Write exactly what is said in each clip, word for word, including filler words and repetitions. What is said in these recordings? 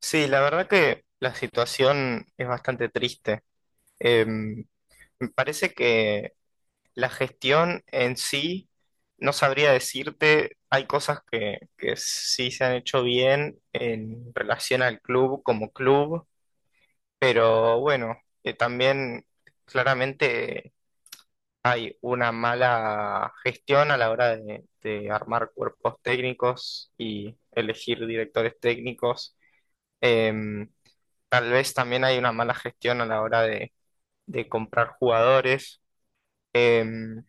Sí, la verdad que la situación es bastante triste. Em, Me parece que la gestión en sí, no sabría decirte, hay cosas que, que sí se han hecho bien en relación al club como club, pero bueno, eh, también claramente hay una mala gestión a la hora de, de armar cuerpos técnicos y elegir directores técnicos. Em, Tal vez también hay una mala gestión a la hora de, de comprar jugadores. Em,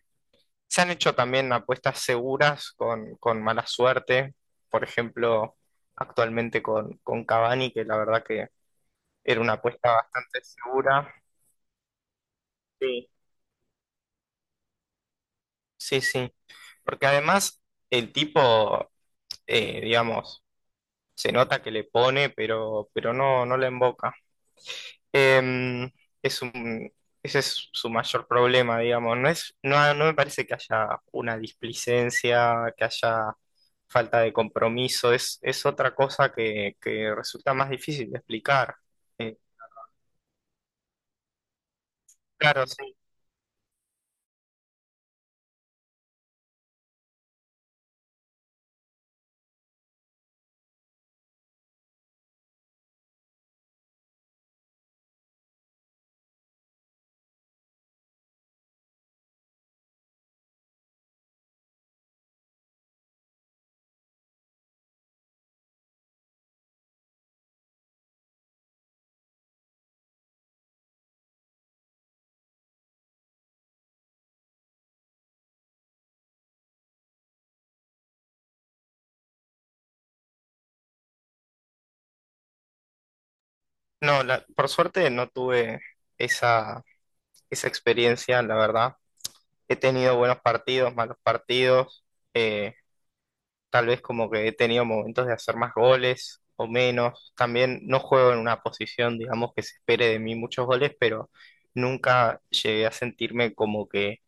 Se han hecho también apuestas seguras con, con mala suerte. Por ejemplo, actualmente con, con Cavani, que la verdad que era una apuesta bastante segura. Sí. Sí, sí. Porque además el tipo, eh, digamos, se nota que le pone, pero, pero no, no le emboca. Em, es un, Ese es su mayor problema, digamos. No es, no, no me parece que haya una displicencia, que haya falta de compromiso. Es, es otra cosa que, que resulta más difícil de explicar. Eh, claro, sí. No, la- por suerte no tuve esa, esa experiencia, la verdad. He tenido buenos partidos, malos partidos. eh, tal vez como que he tenido momentos de hacer más goles o menos. También no juego en una posición, digamos, que se espere de mí muchos goles, pero nunca llegué a sentirme como que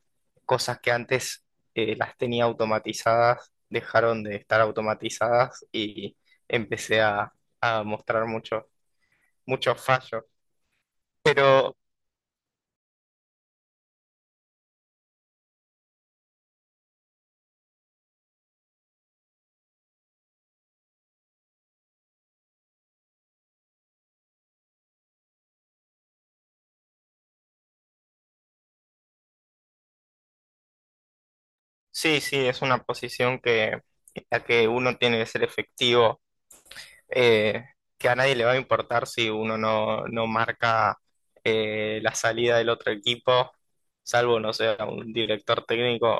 cosas que antes eh, las tenía automatizadas dejaron de estar automatizadas y empecé a, a mostrar muchos muchos fallos. Pero sí, sí, es una posición que, en la que uno tiene que ser efectivo, eh, que a nadie le va a importar si uno no, no marca eh, la salida del otro equipo, salvo, no sé, a un director técnico,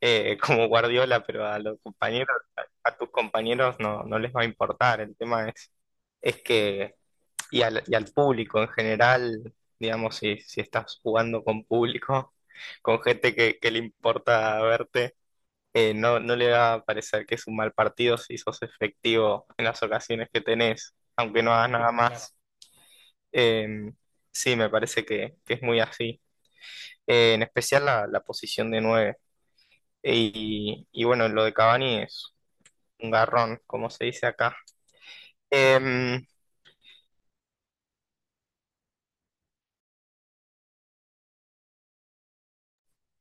eh, como Guardiola, pero a los compañeros, a, a tus compañeros no, no les va a importar. El tema es, es que, y al, y al público en general, digamos, si, si estás jugando con público, con gente que, que le importa verte, eh, no, no le va a parecer que es un mal partido si sos efectivo en las ocasiones que tenés, aunque no hagas nada, claro, más. Eh, sí, me parece que, que es muy así. Eh, en especial la, la posición de nueve. Y, y bueno, lo de Cavani es un garrón, como se dice acá. Eh,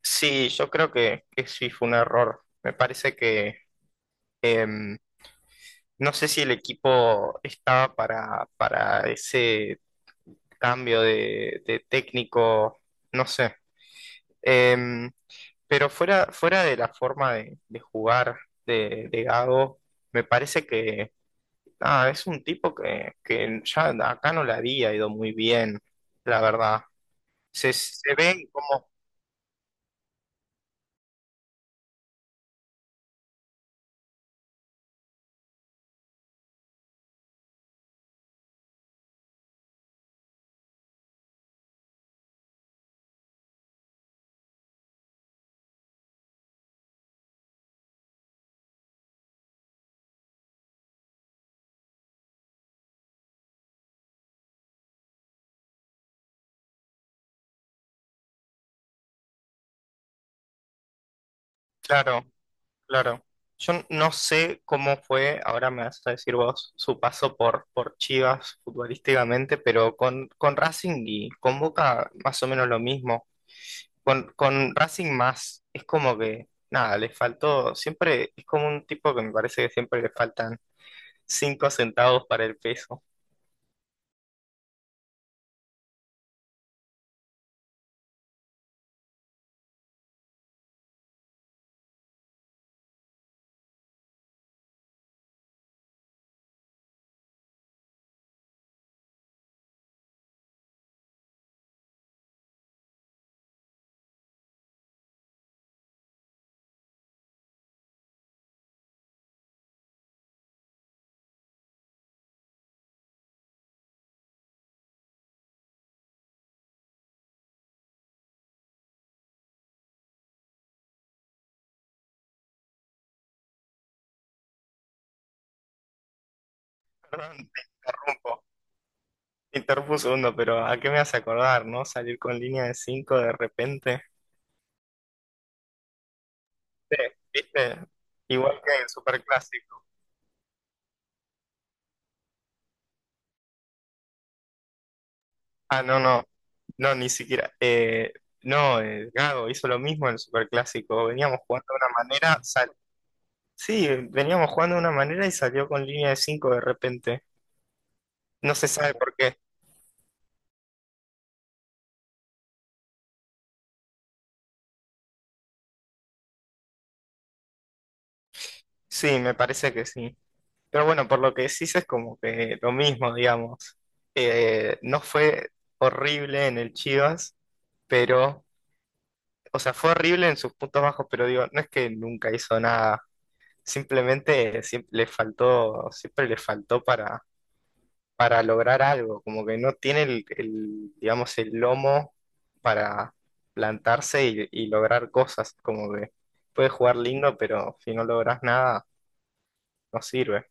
sí, yo creo que, que sí fue un error. Me parece que eh, no sé si el equipo estaba para, para ese cambio de de técnico. No sé. Em, pero fuera, fuera de la forma de, de jugar de, de Gago, me parece que nada, es un tipo que, que ya acá no le había ido muy bien, la verdad. Se, se ve como... Claro, claro. Yo no sé cómo fue, ahora me vas a decir vos, su paso por, por Chivas futbolísticamente, pero con, con Racing y con Boca más o menos lo mismo. Con, con Racing más, es como que, nada, le faltó, siempre, es como un tipo que me parece que siempre le faltan cinco centavos para el peso. Perdón, te interrumpo, te interrumpo un segundo, pero ¿a qué me hace acordar, no? Salir con línea de cinco de repente. Sí, ¿viste? Igual que en el Superclásico. Ah, no, no, no, ni siquiera. Eh, no, eh, Gago hizo lo mismo en el Superclásico, veníamos jugando de una manera, sal- sí, veníamos jugando de una manera y salió con línea de cinco de repente. No se sabe por qué. Sí, me parece que sí. Pero bueno, por lo que decís es como que lo mismo, digamos. Eh, no fue horrible en el Chivas, pero, o sea, fue horrible en sus puntos bajos, pero digo, no es que nunca hizo nada. Simplemente siempre le faltó, siempre le faltó para, para lograr algo. Como que no tiene el, el, digamos, el lomo para plantarse y, y lograr cosas. Como que puedes jugar lindo, pero si no logras nada, no sirve.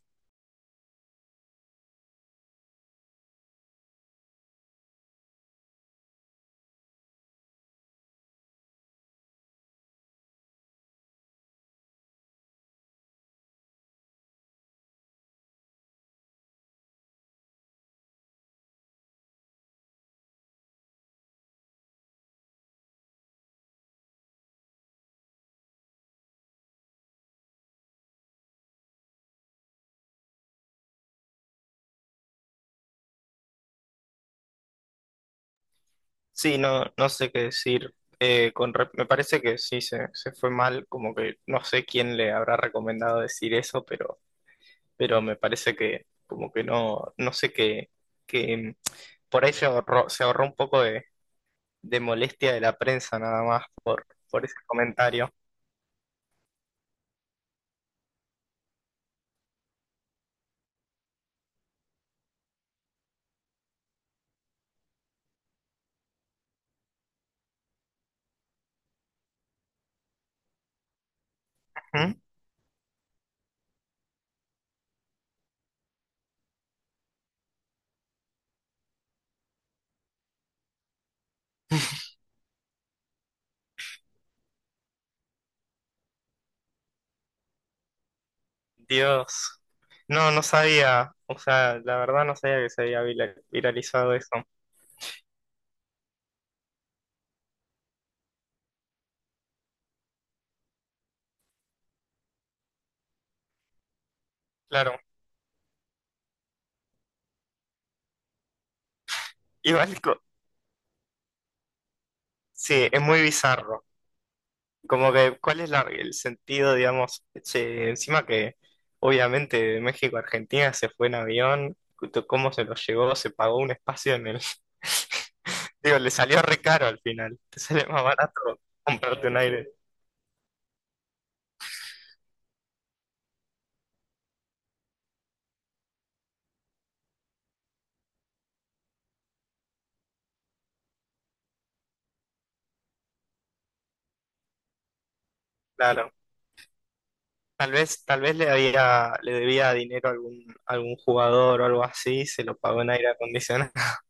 Sí, no, no, sé qué decir. Eh, con re- me parece que sí, se, se fue mal, como que no sé quién le habrá recomendado decir eso, pero, pero me parece que como que no, no, sé qué, que por ahí se ahorró, se ahorró un poco de, de molestia de la prensa nada más por, por ese comentario. ¿Mm? Dios, no, no sabía, o sea, la verdad no sabía que se había vira- viralizado eso. Claro, igual, co- sí, es muy bizarro. Como que, ¿cuál es la- el sentido, digamos? Che, encima que, obviamente, de México a Argentina se fue en avión, cu- ¿cómo se lo llevó? Se pagó un espacio en el... Digo, le salió re caro al final. Te sale más barato comprarte un aire. Claro. Tal vez, tal vez le había, le debía dinero a algún, algún jugador o algo así, se lo pagó en aire acondicionado.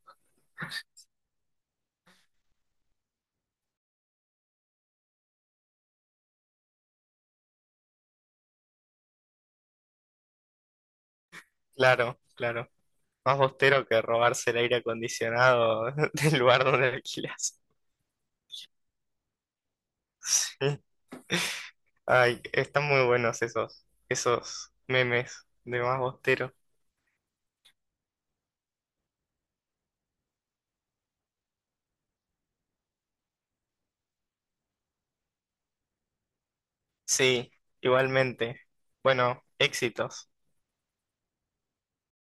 Claro, claro. Más bostero que robarse el aire acondicionado del lugar donde alquilas. Sí. Ay, están muy buenos esos, esos memes de más bostero. Sí, igualmente. Bueno, éxitos.